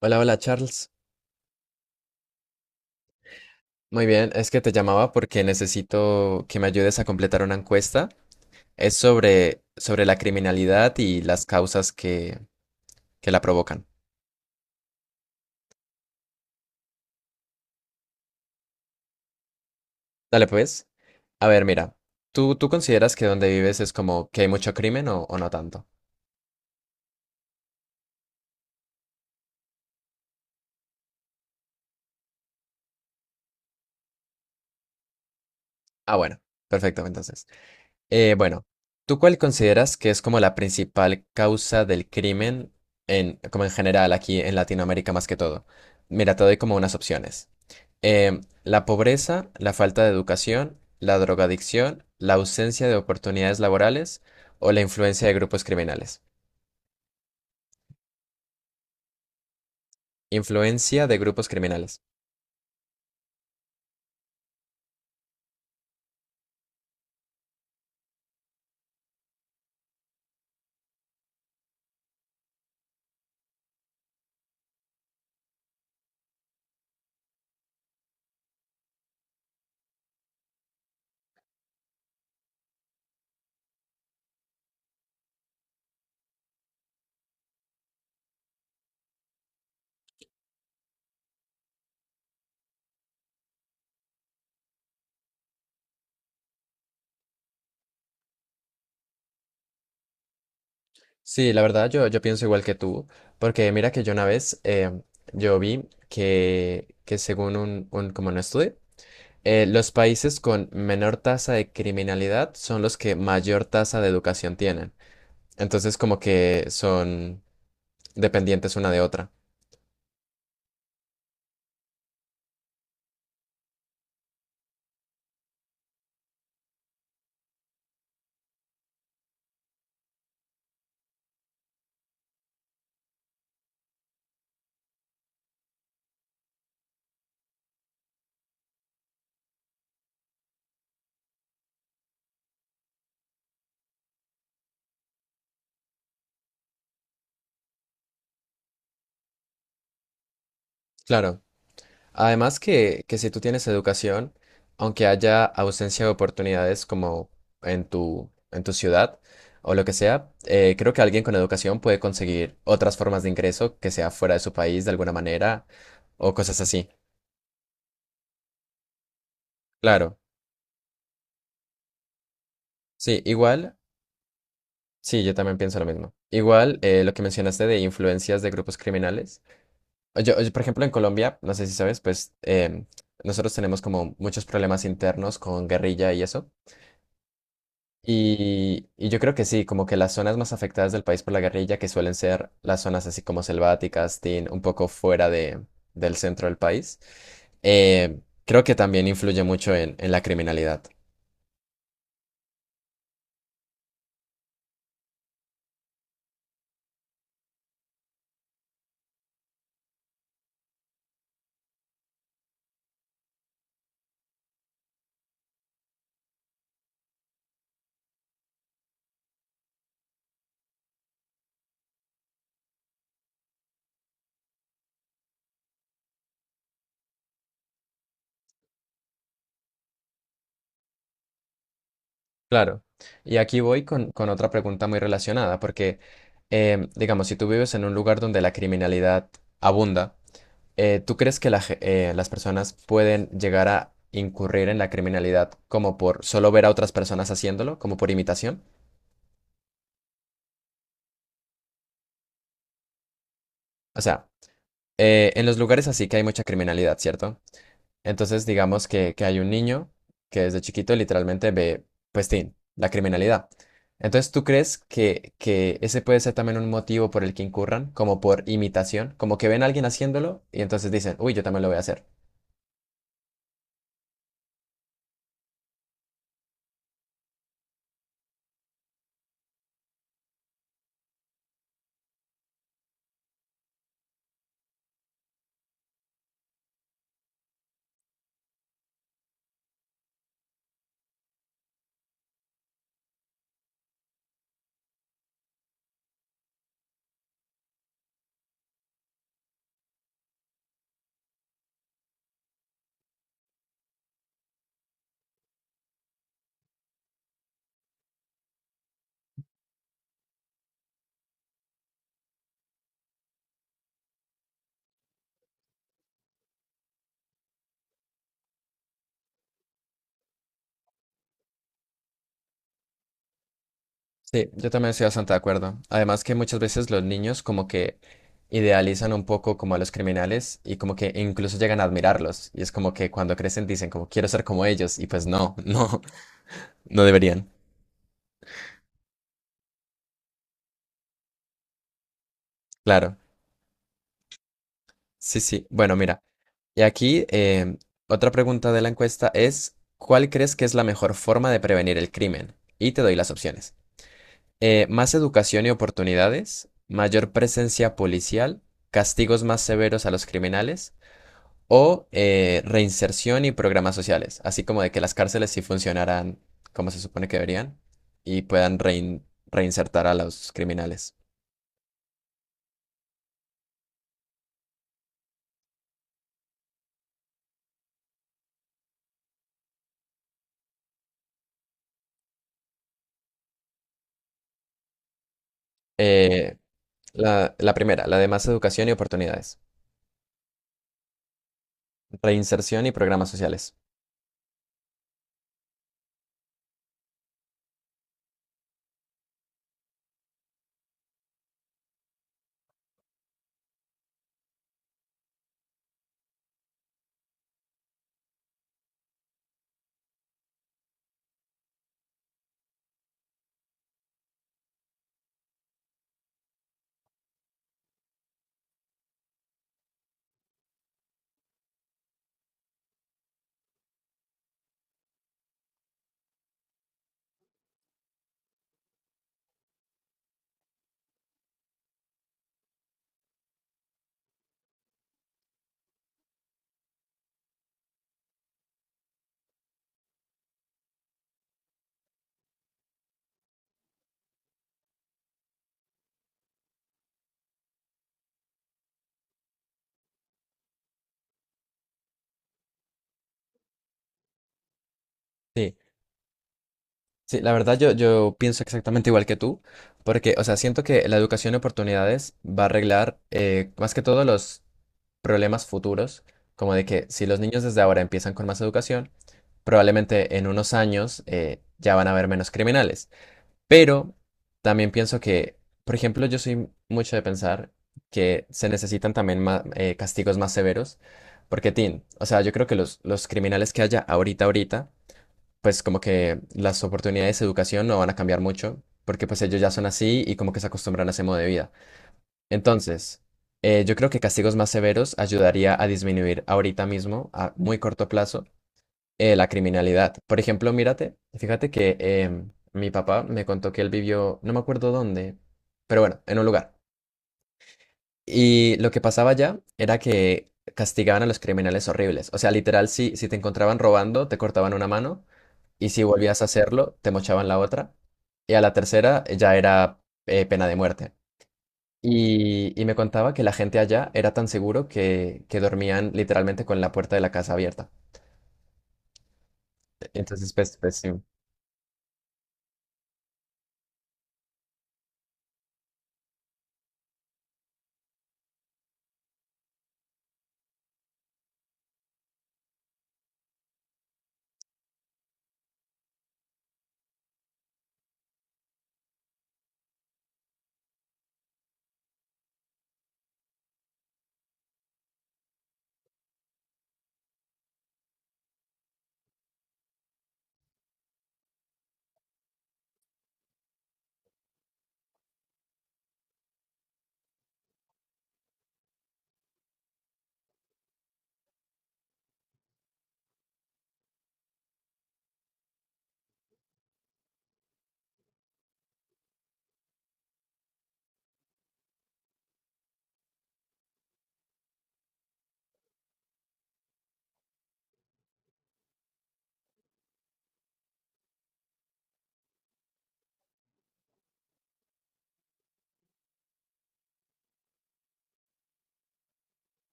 Hola, hola Charles. Muy bien, es que te llamaba porque necesito que me ayudes a completar una encuesta. Es sobre la criminalidad y las causas que la provocan. Dale, pues. A ver, mira, ¿tú consideras que donde vives es como que hay mucho crimen o no tanto? Ah, bueno, perfecto, entonces. Bueno, ¿tú cuál consideras que es como la principal causa del crimen en, como en general aquí en Latinoamérica más que todo? Mira, te doy como unas opciones. La pobreza, la falta de educación, la drogadicción, la ausencia de oportunidades laborales o la influencia de grupos criminales. Influencia de grupos criminales. Sí, la verdad yo pienso igual que tú, porque mira que yo una vez yo vi que según como un estudio, los países con menor tasa de criminalidad son los que mayor tasa de educación tienen. Entonces como que son dependientes una de otra. Claro. Además que si tú tienes educación, aunque haya ausencia de oportunidades como en tu ciudad o lo que sea, creo que alguien con educación puede conseguir otras formas de ingreso que sea fuera de su país de alguna manera o cosas así. Claro, sí, igual, sí, yo también pienso lo mismo. Igual lo que mencionaste de influencias de grupos criminales. Yo, por ejemplo, en Colombia, no sé si sabes, pues nosotros tenemos como muchos problemas internos con guerrilla y eso. Y yo creo que sí, como que las zonas más afectadas del país por la guerrilla, que suelen ser las zonas así como selváticas, tin, un poco fuera de, del centro del país, eh, creo que también influye mucho en la criminalidad. Claro. Y aquí voy con otra pregunta muy relacionada, porque, digamos, si tú vives en un lugar donde la criminalidad abunda, ¿tú crees que las personas pueden llegar a incurrir en la criminalidad como por solo ver a otras personas haciéndolo, como por imitación? O sea, en los lugares así que hay mucha criminalidad, ¿cierto? Entonces, digamos que hay un niño que desde chiquito literalmente ve, pues, tin, la criminalidad. Entonces, ¿tú crees que ese puede ser también un motivo por el que incurran, como por imitación? Como que ven a alguien haciéndolo y entonces dicen, uy, yo también lo voy a hacer. Sí, yo también estoy bastante de acuerdo. Además que muchas veces los niños como que idealizan un poco como a los criminales y como que incluso llegan a admirarlos. Y es como que cuando crecen dicen como quiero ser como ellos y pues no, no, no deberían. Claro, sí, sí. Bueno, mira, y aquí otra pregunta de la encuesta es, ¿cuál crees que es la mejor forma de prevenir el crimen? Y te doy las opciones. Más educación y oportunidades, mayor presencia policial, castigos más severos a los criminales o reinserción y programas sociales, así como de que las cárceles sí funcionaran como se supone que deberían y puedan reinsertar a los criminales. Eh, la primera, la de más educación y oportunidades. Reinserción y programas sociales. Sí, sí, la verdad yo pienso exactamente igual que tú, porque, o sea, siento que la educación y oportunidades va a arreglar más que todo los problemas futuros, como de que si los niños desde ahora empiezan con más educación, probablemente en unos años ya van a haber menos criminales. Pero también pienso que, por ejemplo, yo soy mucho de pensar que se necesitan también castigos más severos, porque, Tin, o sea, yo creo que los criminales que haya ahorita, ahorita, pues como que las oportunidades de educación no van a cambiar mucho, porque pues ellos ya son así y como que se acostumbran a ese modo de vida. Entonces, yo creo que castigos más severos ayudaría a disminuir ahorita mismo, a muy corto plazo, la criminalidad. Por ejemplo, mírate, fíjate que mi papá me contó que él vivió, no me acuerdo dónde, pero bueno, en un lugar. Y lo que pasaba allá era que castigaban a los criminales horribles. O sea, literal, si te encontraban robando, te cortaban una mano y si volvías a hacerlo, te mochaban la otra. Y a la tercera ya era pena de muerte. Y me contaba que la gente allá era tan seguro que dormían literalmente con la puerta de la casa abierta. Entonces, pues, pues sí.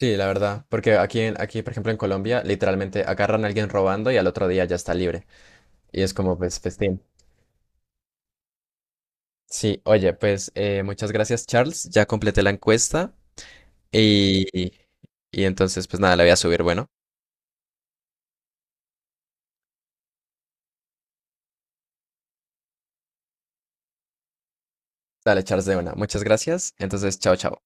Sí, la verdad. Porque aquí, en- aquí, por ejemplo, en Colombia, literalmente agarran a alguien robando y al otro día ya está libre. Y es como, pues, festín. Sí, oye, pues muchas gracias, Charles. Ya completé la encuesta y, y entonces, pues nada, la voy a subir. Bueno, dale, Charles, de una. Muchas gracias. Entonces, chao, chao.